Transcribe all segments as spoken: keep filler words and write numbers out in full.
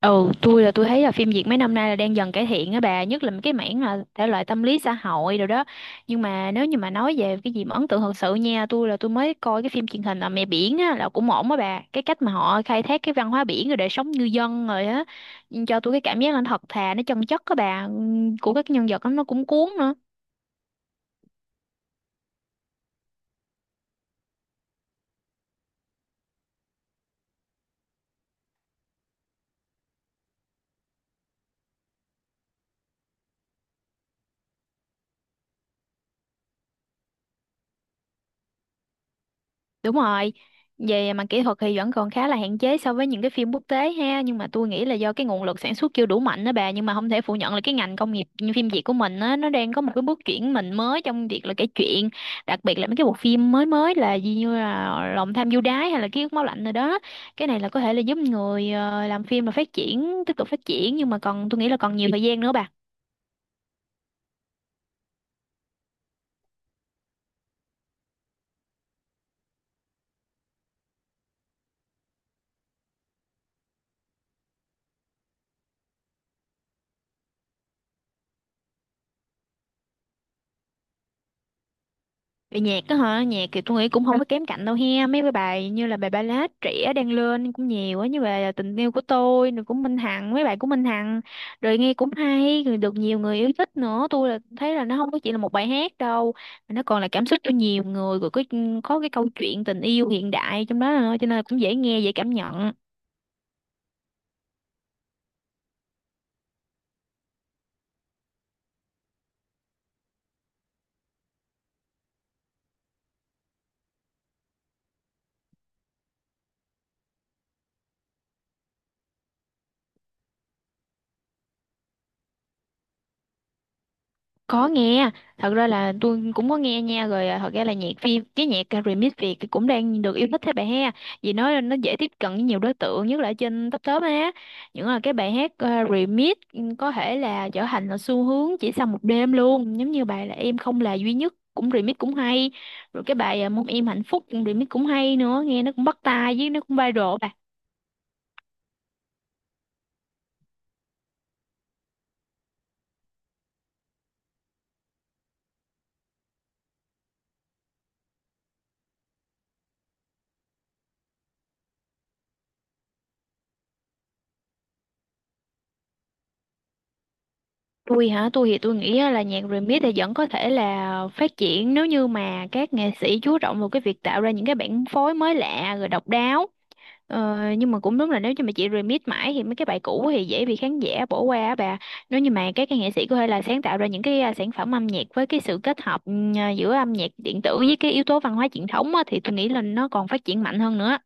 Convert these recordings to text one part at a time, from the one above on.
Ừ, tôi là tôi thấy là phim Việt mấy năm nay là đang dần cải thiện á bà, nhất là cái mảng là thể loại tâm lý xã hội rồi đó. Nhưng mà nếu như mà nói về cái gì mà ấn tượng thật sự nha, tôi là tôi mới coi cái phim truyền hình là Mẹ Biển á là cũng ổn á bà. Cái cách mà họ khai thác cái văn hóa biển rồi đời sống ngư dân rồi á cho tôi cái cảm giác là nó thật thà, nó chân chất á bà, của các nhân vật đó, nó cũng cuốn nữa. Đúng rồi, về mặt kỹ thuật thì vẫn còn khá là hạn chế so với những cái phim quốc tế ha, nhưng mà tôi nghĩ là do cái nguồn lực sản xuất chưa đủ mạnh đó bà, nhưng mà không thể phủ nhận là cái ngành công nghiệp như phim Việt của mình á, nó đang có một cái bước chuyển mình mới trong việc là kể chuyện, đặc biệt là mấy cái bộ phim mới mới là gì như là Lòng tham du đái hay là Ký ức máu lạnh rồi đó. Cái này là có thể là giúp người ờ, làm phim là phát triển, tiếp tục phát triển nhưng mà còn tôi nghĩ là còn nhiều thời gian nữa bà. Về nhạc đó hả? Nhạc thì tôi nghĩ cũng không có kém cạnh đâu he. Mấy cái bài như là bài ballad trẻ đang lên cũng nhiều á. Như bài Tình yêu của tôi, rồi của Minh Hằng, mấy bài của Minh Hằng. Rồi nghe cũng hay, rồi được nhiều người yêu thích nữa. Tôi là thấy là nó không có chỉ là một bài hát đâu. Mà nó còn là cảm xúc cho nhiều người. Rồi có, có cái câu chuyện tình yêu hiện đại trong đó nữa. Cho nên là cũng dễ nghe, dễ cảm nhận. Có nghe. Thật ra là tôi cũng có nghe nha rồi à, thật ra là nhạc phim cái nhạc à, remix Việt thì cũng đang được yêu thích thế bà ha, vì nó nó dễ tiếp cận với nhiều đối tượng, nhất là ở trên top top á, những là cái bài hát à, remix ừ, có thể là trở thành là xu hướng chỉ sau một đêm luôn, giống như bài là em không là duy nhất cũng remix cũng hay, rồi cái bài à, mong em hạnh phúc cũng remix cũng hay nữa, nghe nó cũng bắt tai với nó cũng viral bà. Tôi hả? Tôi thì tôi nghĩ á là nhạc remix thì vẫn có thể là phát triển nếu như mà các nghệ sĩ chú trọng vào cái việc tạo ra những cái bản phối mới lạ rồi độc đáo. Ờ, nhưng mà cũng đúng là nếu như mà chị remix mãi thì mấy cái bài cũ thì dễ bị khán giả bỏ qua á bà. Nếu như mà các cái nghệ sĩ có thể là sáng tạo ra những cái à, sản phẩm âm nhạc với cái sự kết hợp ừ, à, giữa âm nhạc điện tử với cái yếu tố văn hóa truyền thống á, thì tôi nghĩ là nó còn phát triển mạnh hơn nữa.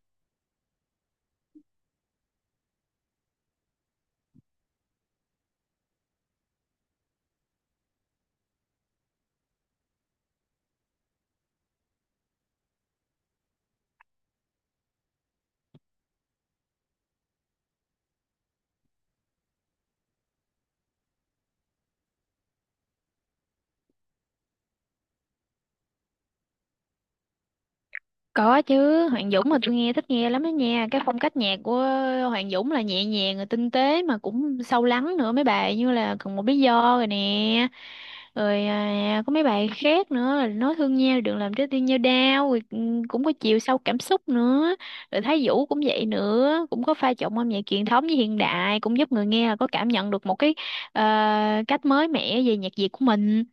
Có chứ, Hoàng Dũng mà tôi nghe thích nghe lắm đó nha. Cái phong cách nhạc của Hoàng Dũng là nhẹ nhàng rồi tinh tế mà cũng sâu lắng nữa, mấy bài như là còn một lý do rồi nè. Rồi à, có mấy bài khác nữa là nói thương nhau đừng làm trái tim nhau đau rồi ừ, cũng có chiều sâu cảm xúc nữa. Rồi Thái Vũ cũng vậy nữa, cũng có pha trộn âm nhạc truyền thống với hiện đại, cũng giúp người nghe là có cảm nhận được một cái ờ, cách mới mẻ về nhạc Việt của mình.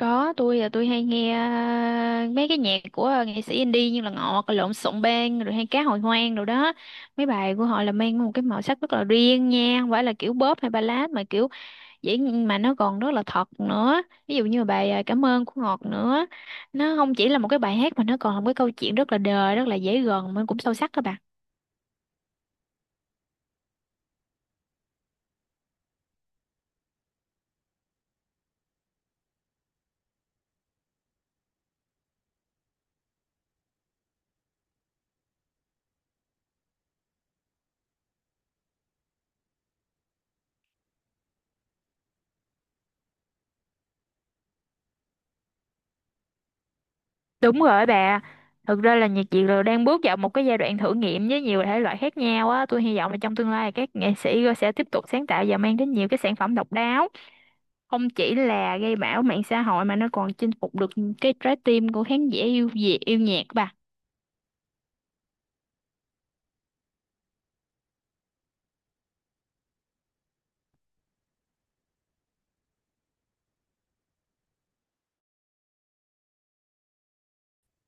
Có, tôi là tôi hay nghe à, mấy cái nhạc của à, nghệ sĩ indie như là Ngọt, Lộn Xộn Bang, rồi hay Cá Hồi Hoang rồi đó. Mấy bài của họ là mang một cái màu sắc rất là riêng nha, không phải là kiểu bóp hay ballad mà kiểu dễ, mà nó còn rất là thật nữa. Ví dụ như là bài à, Cảm ơn của Ngọt nữa. Nó không chỉ là một cái bài hát mà nó còn là một cái câu chuyện rất là đời, rất là dễ gần mà cũng sâu sắc các bạn. Đúng rồi bà. Thực ra là nhạc Việt rồi đang bước vào một cái giai đoạn thử nghiệm với nhiều thể loại khác nhau á. Tôi hy vọng là trong tương lai các nghệ sĩ sẽ tiếp tục sáng tạo và mang đến nhiều cái sản phẩm độc đáo. Không chỉ là gây bão mạng xã hội mà nó còn chinh phục được cái trái tim của khán giả yêu Việt, yêu nhạc bà.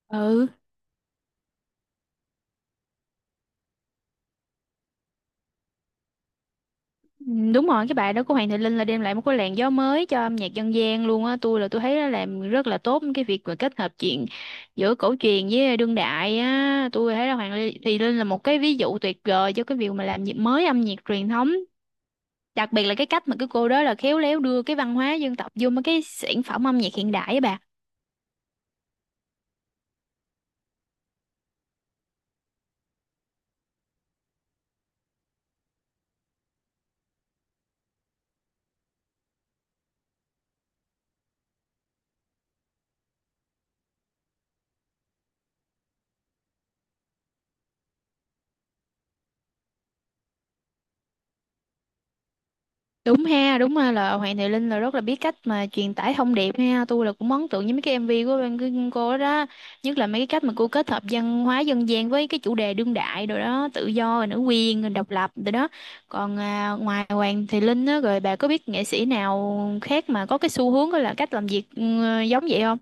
Ừ. Ừ, đúng rồi, cái bài đó của Hoàng Thị Linh là đem lại một cái làn gió mới cho âm nhạc dân gian luôn á. Tôi là tôi thấy nó làm rất là tốt cái việc mà kết hợp chuyện giữa cổ truyền với đương đại á. Tôi thấy là Hoàng Li- Thị Linh là một cái ví dụ tuyệt vời cho cái việc mà làm nhịp mới âm nhạc truyền thống. Đặc biệt là cái cách mà cái cô đó là khéo léo đưa cái văn hóa dân tộc vô mấy cái sản phẩm âm nhạc hiện đại á bà. Đúng ha, đúng ha là Hoàng Thị Linh là rất là biết cách mà truyền tải thông điệp ha. Tôi là cũng ấn tượng với mấy cái em vê của bên cái- cô đó, đó. Nhất là mấy cái cách mà cô kết hợp văn hóa dân gian với cái chủ đề đương đại rồi đó, tự do, rồi nữ quyền, rồi độc lập rồi đó. Còn à, ngoài Hoàng Thị Linh á, rồi bà có biết nghệ sĩ nào khác mà có cái xu hướng đó là cách làm việc ừ, giống vậy không?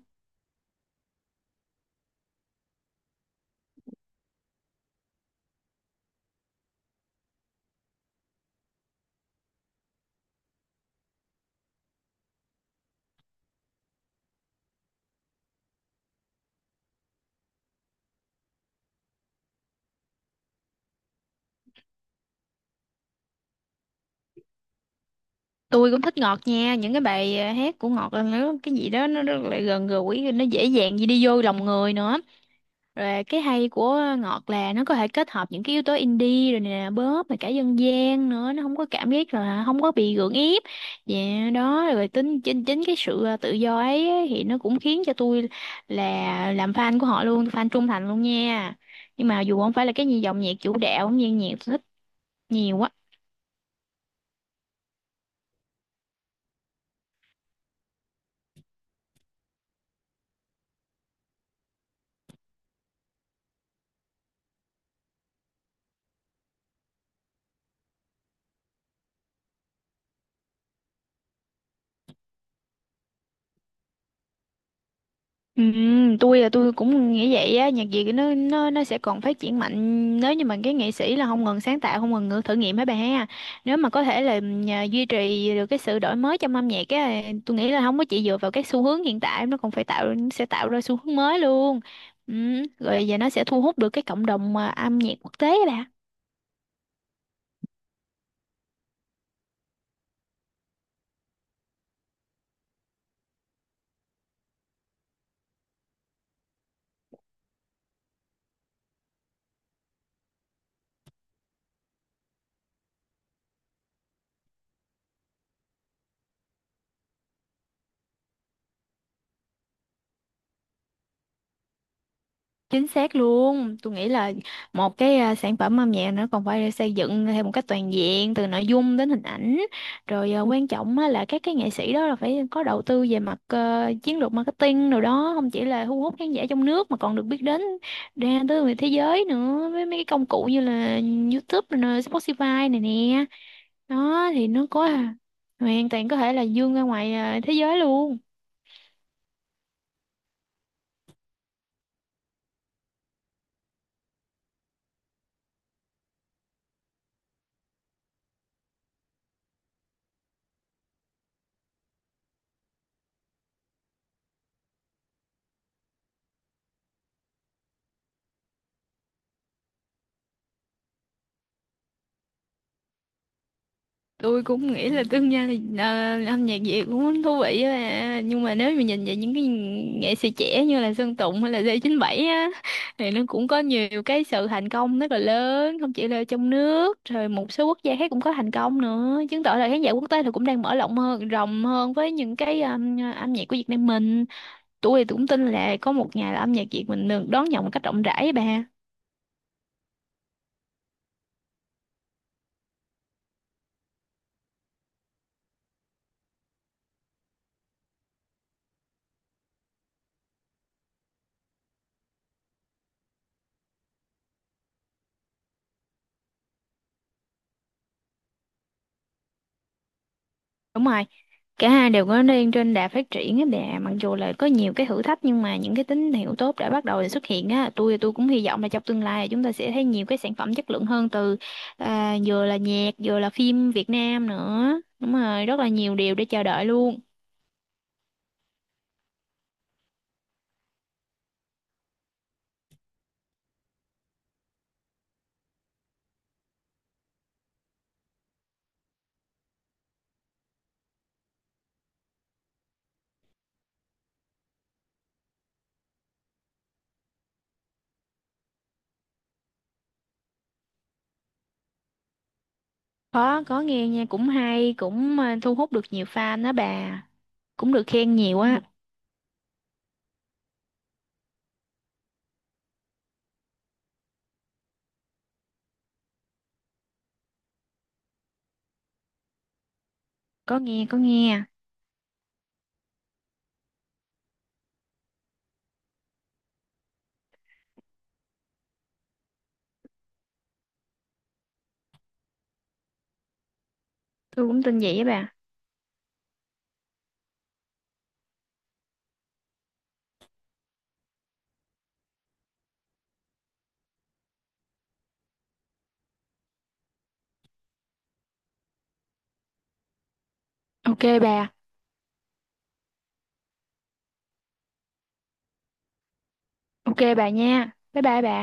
Tôi cũng thích Ngọt nha, những cái bài à, hát của Ngọt là nó cái gì đó nó rất là gần gũi, nó dễ dàng gì đi vô lòng người nữa. Rồi cái hay của Ngọt là nó có thể kết hợp những cái yếu tố indie rồi nè, bóp mà cả dân gian nữa, nó không có cảm giác là không có bị gượng ép. Dạ đó, rồi tính chính chính cái sự à, tự do ấy, ấy thì nó cũng khiến cho tôi là làm fan của họ luôn, fan trung thành luôn nha. Nhưng mà dù không phải là cái gì dòng nhạc chủ đạo, nhưng nhạc tôi thích nhiều quá. Ừ, tôi là tôi cũng nghĩ vậy á, nhạc Việt nó nó nó sẽ còn phát triển mạnh nếu như mà cái nghệ sĩ là không ngừng sáng tạo, không ngừng ngự- thử nghiệm hả bà ha. Nếu mà có thể là nhà, duy trì được cái sự đổi mới trong âm nhạc á, tôi nghĩ là không có chỉ dựa vào các xu hướng hiện tại, nó còn phải tạo sẽ tạo ra xu hướng mới luôn, ừ, rồi giờ nó sẽ thu hút được cái cộng đồng mà âm nhạc quốc tế á bà. Chính xác luôn, tôi nghĩ là một cái à, sản phẩm âm nhạc nó còn phải được xây dựng theo một cách toàn diện từ nội dung đến hình ảnh, rồi à, ừ, quan trọng á là các cái nghệ sĩ đó là phải có đầu tư về mặt ờ, chiến lược marketing rồi đó, không chỉ là thu hút khán giả trong nước mà còn được biết đến ra tới người thế giới nữa, với mấy cái công cụ như là YouTube rồi nè, Spotify này nè, đó thì nó có à, hoàn toàn có thể là dương ra ngoài à, thế giới luôn. Tôi cũng nghĩ là tương lai là ờ, âm nhạc Việt cũng thú vị á, nhưng mà nếu mà nhìn về những cái nghệ sĩ trẻ như là Sơn Tùng hay là D chín bảy á, thì nó cũng có nhiều cái sự thành công rất là lớn, không chỉ là trong nước rồi một số quốc gia khác cũng có thành công nữa, chứng tỏ là khán giả quốc tế thì cũng đang mở rộng hơn rộng hơn với những cái um, âm nhạc của Việt Nam mình. Tôi thì cũng tin là có một ngày là âm nhạc Việt mình được đón nhận một cách rộng rãi á bà. Đúng rồi, cả hai đều có đang trên đà phát triển á bà, mặc dù là có nhiều cái thử thách nhưng mà những cái tín hiệu tốt đã bắt đầu xuất hiện á, tôi tôi cũng hy vọng là trong tương lai là chúng ta sẽ thấy nhiều cái sản phẩm chất lượng hơn từ à, vừa là nhạc, vừa là phim Việt Nam nữa. Đúng rồi, rất là nhiều điều để chờ đợi luôn. Có có nghe nha, cũng hay, cũng à, thu hút được nhiều fan đó bà, cũng được khen nhiều á. Có nghe, có nghe. Tôi cũng tin vậy á bà. Ok bà, ok bà nha. Bye bye bà.